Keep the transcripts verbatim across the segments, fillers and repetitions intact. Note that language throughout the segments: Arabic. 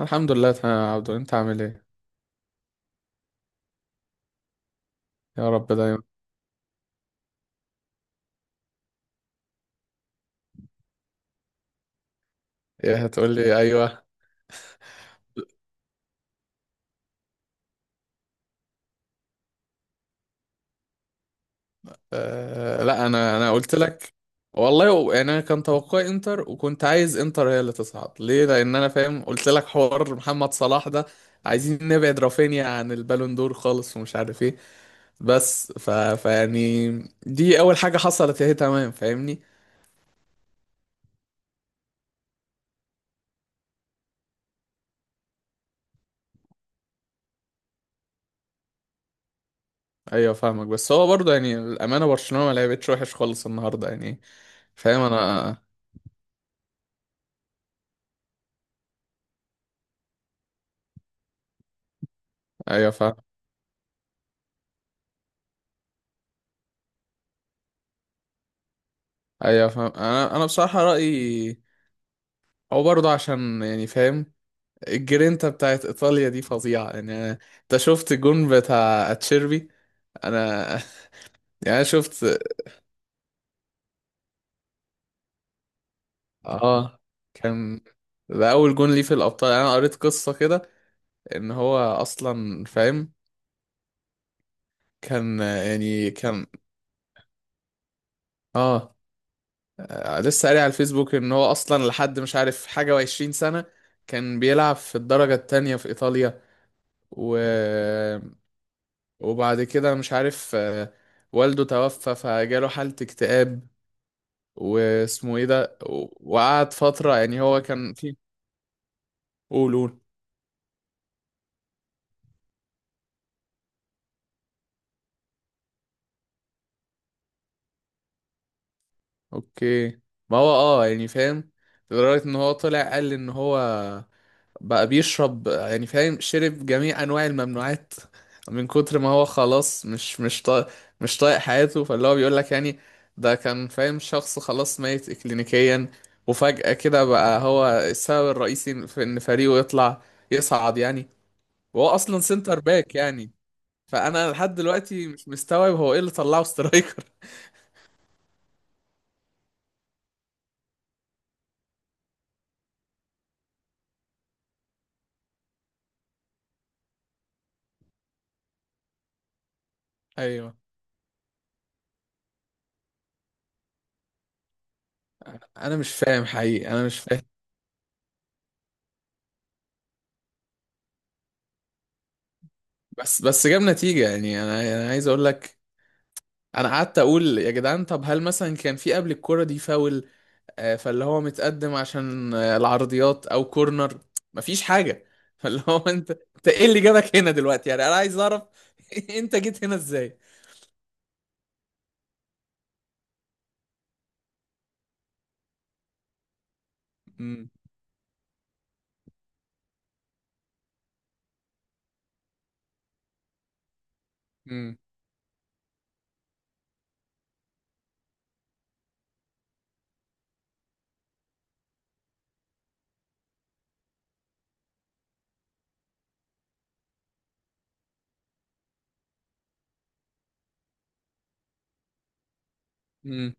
الحمد لله تمام يا عبدو، انت عامل ايه؟ يا رب دايما. ايه هتقول لي؟ ايوه. آه، لا، انا انا قلت لك. والله و- يعني انا كان توقعي انتر، وكنت عايز انتر هي اللي تصعد ليه، لان انا فاهم قلت لك حوار محمد صلاح ده، عايزين نبعد رافينيا عن البالون دور خالص ومش عارف ايه. بس ف... فيعني دي اول حاجه حصلت اهي، تمام فاهمني؟ ايوه فاهمك، بس هو برضه يعني الامانه برشلونه ما لعبتش وحش خالص النهارده يعني. فاهم انا. ايوه فاهم. ايوه فاهم. انا انا بصراحه رايي هو برضه عشان يعني فاهم الجرينتا بتاعت ايطاليا دي فظيعه يعني. أنا- انت شفت الجون بتاع اتشيربي؟ انا يعني أنا شفت. اه. كان ده اول جون ليه في الابطال، يعني انا قريت قصه كده ان هو اصلا فاهم. كان يعني كان. اه. آه، لسه قاري على الفيسبوك ان هو اصلا لحد مش عارف حاجه وعشرين سنه كان بيلعب في الدرجه التانية في ايطاليا. و وبعد كده مش عارف. آه، والده توفى فجاله حالة اكتئاب. واسمه ايه ده؟ و- وقعد فترة، يعني هو كان في. قول قول. اوكي. ما هو اه يعني فاهم. لدرجة ان هو طلع قال ان هو بقى بيشرب، يعني فاهم، شرب جميع انواع الممنوعات من كتر ما هو خلاص مش مش طايق. مش طايق حياته، فاللي هو بيقول لك يعني ده كان فاهم شخص خلاص ميت اكلينيكيا. وفجأة كده بقى هو السبب الرئيسي في ان فريقه يطلع، يصعد يعني. وهو اصلا سنتر باك يعني. فانا لحد دلوقتي مش مستوعب هو ايه اللي طلعه سترايكر. ايوه. انا مش فاهم حقيقي، انا مش فاهم. بس بس جاب نتيجة. يعني انا انا عايز اقول لك انا قعدت اقول يا جدعان، طب هل مثلا كان في قبل الكرة دي فاول، آه، فاللي هو متقدم عشان آه، العرضيات او كورنر؟ مفيش حاجة. فاللي هو انت انت ايه اللي جابك هنا دلوقتي؟ يعني انا عايز اعرف. انت جيت هنا ازاي؟ امم امم امم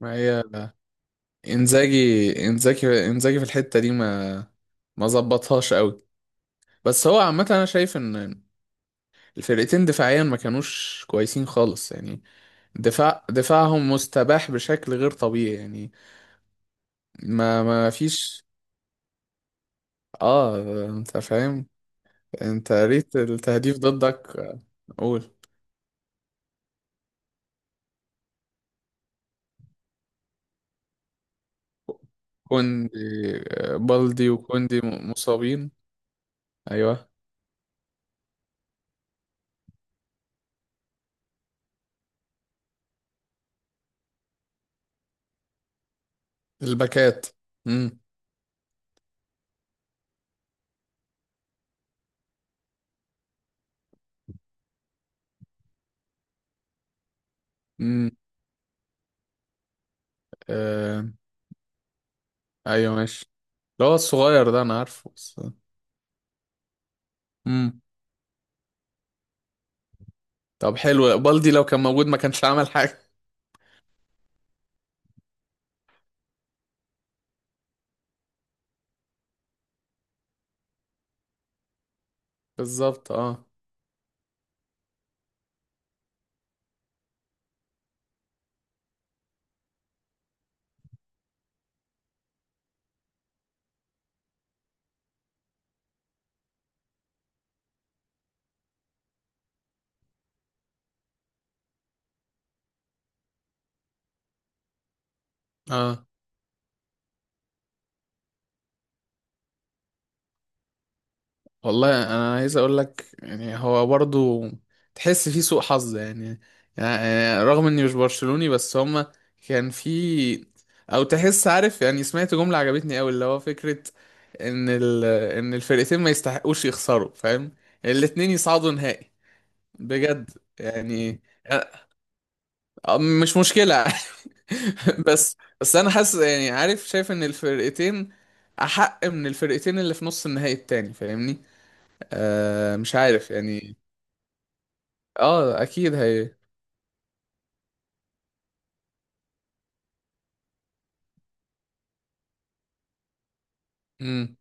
ما هي انزاجي. انزاجي انزاجي في الحتة دي ما ما ظبطهاش قوي. بس هو عامة انا شايف ان الفرقتين دفاعيا ما كانوش كويسين خالص يعني. دفاع دفاعهم مستباح بشكل غير طبيعي يعني. ما ما فيش. اه. انت فاهم، انت قريت التهديف ضدك. قول. كوندي. آه، بالدي وكوندي م- مصابين. ايوه. الباكات. امم امم آه. ايوه ماشي. اللي هو الصغير ده انا عارفه بس. امم طب حلو، بالدي لو كان موجود ما كانش عمل حاجه. بالظبط اه. اه. والله انا عايز اقول لك، يعني هو برضو تحس فيه سوء حظ يعني، يعني رغم اني مش برشلوني بس هما كان في، او تحس عارف يعني سمعت جملة عجبتني قوي اللي هو فكرة ان ال... ان الفرقتين ما يستحقوش يخسروا فاهم، الاتنين يصعدوا نهائي. بجد يعني. أ- مش مشكلة. بس بس انا حاسس يعني، عارف شايف ان الفرقتين احق من الفرقتين اللي في نص النهائي التاني فاهمني. آه مش عارف يعني. اه اكيد هي. امم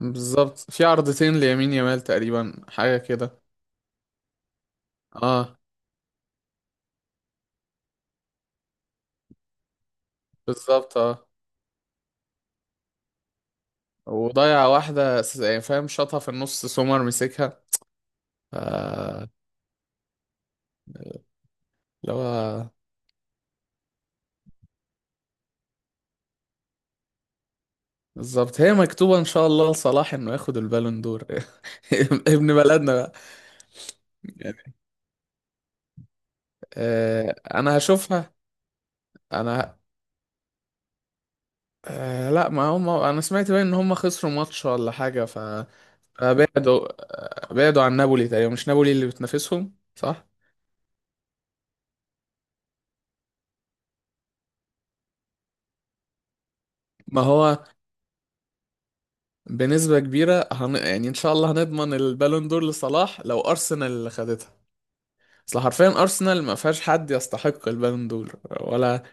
بالظبط، في عرضتين ليمين يامال تقريبا حاجة كده. اه بالظبط اه. وضيع واحدة س- يعني فاهم شاطها في النص، سومر مسكها. ف اللي هو بالظبط، هي مكتوبة ان شاء الله لصلاح انه ياخد البالون دور. ابن بلدنا بقى. يعني آه، انا هشوفها. انا آه، لا ما هم انا سمعت بقى ان هم خسروا ماتش ولا حاجة. آه، بعدوا. آه، بعدوا عن نابولي تقريبا، مش نابولي اللي بتنافسهم صح؟ ما هو بنسبة كبيرة هن... يعني ان شاء الله هنضمن البالون دور لصلاح لو ارسنال اللي خدتها. اصل حرفيا ارسنال ما فيهاش حد يستحق البالون دور. ولا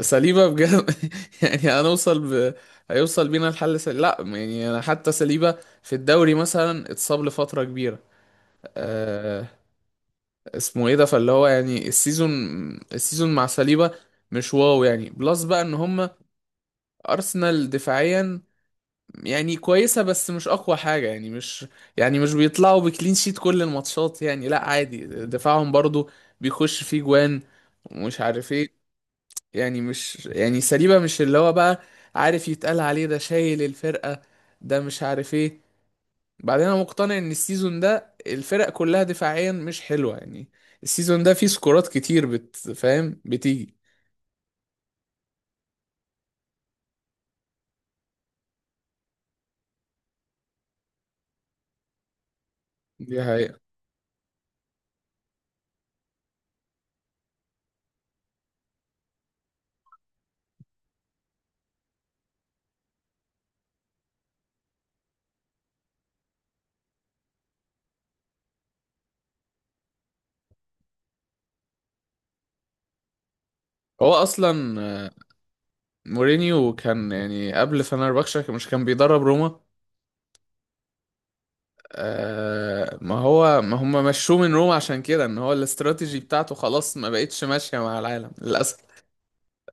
سليبة بجد. يعني هنوصل ب... هيوصل بينا الحل سل... لا يعني انا حتى سليبة في الدوري مثلا اتصاب لفترة كبيرة. أه... اسمه ايه ده؟ فاللي هو يعني السيزون، السيزون مع سليبة مش واو يعني بلس بقى ان هم ارسنال دفاعيا يعني كويسه بس مش اقوى حاجه يعني مش، يعني مش بيطلعوا بكلين شيت كل الماتشات يعني. لا عادي، دفاعهم برضو بيخش فيه جوان ومش عارف ايه. يعني مش، يعني سليبه مش اللي هو بقى عارف يتقال عليه ده شايل الفرقه، ده مش عارف ايه. بعدين انا مقتنع ان السيزون ده الفرق كلها دفاعيا مش حلوه يعني. السيزون ده فيه سكورات كتير بت فاهم بتيجي. دي حقيقة. هو اصلا مورينيو كان يعني قبل فنربخشة مش كان بيدرب روما؟ آه ما هو ما هم مشوه من روما عشان كده ان هو الاستراتيجي بتاعته خلاص ما بقتش ماشية مع العالم للأسف.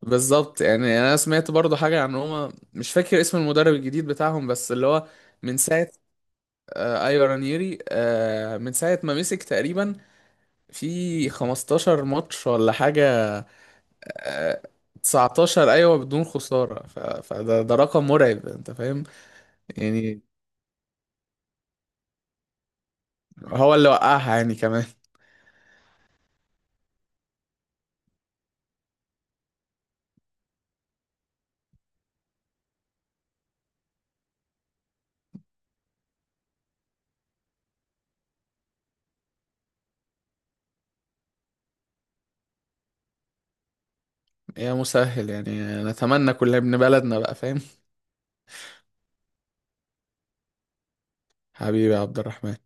بالظبط. يعني انا سمعت برضو حاجة عن روما، مش فاكر اسم المدرب الجديد بتاعهم بس اللي هو من ساعة. آه ايوه رانييري. آه من ساعة ما مسك تقريبا في خمستاشر ماتش ولا حاجة. آه تسعتاشر ايوه بدون خسارة. ف- فده ده رقم مرعب، انت فاهم. يعني هو اللي وقعها يعني كمان. يا مسهل يعني، نتمنى كل ابن بلدنا بقى فاهم. حبيبي يا عبد الرحمن.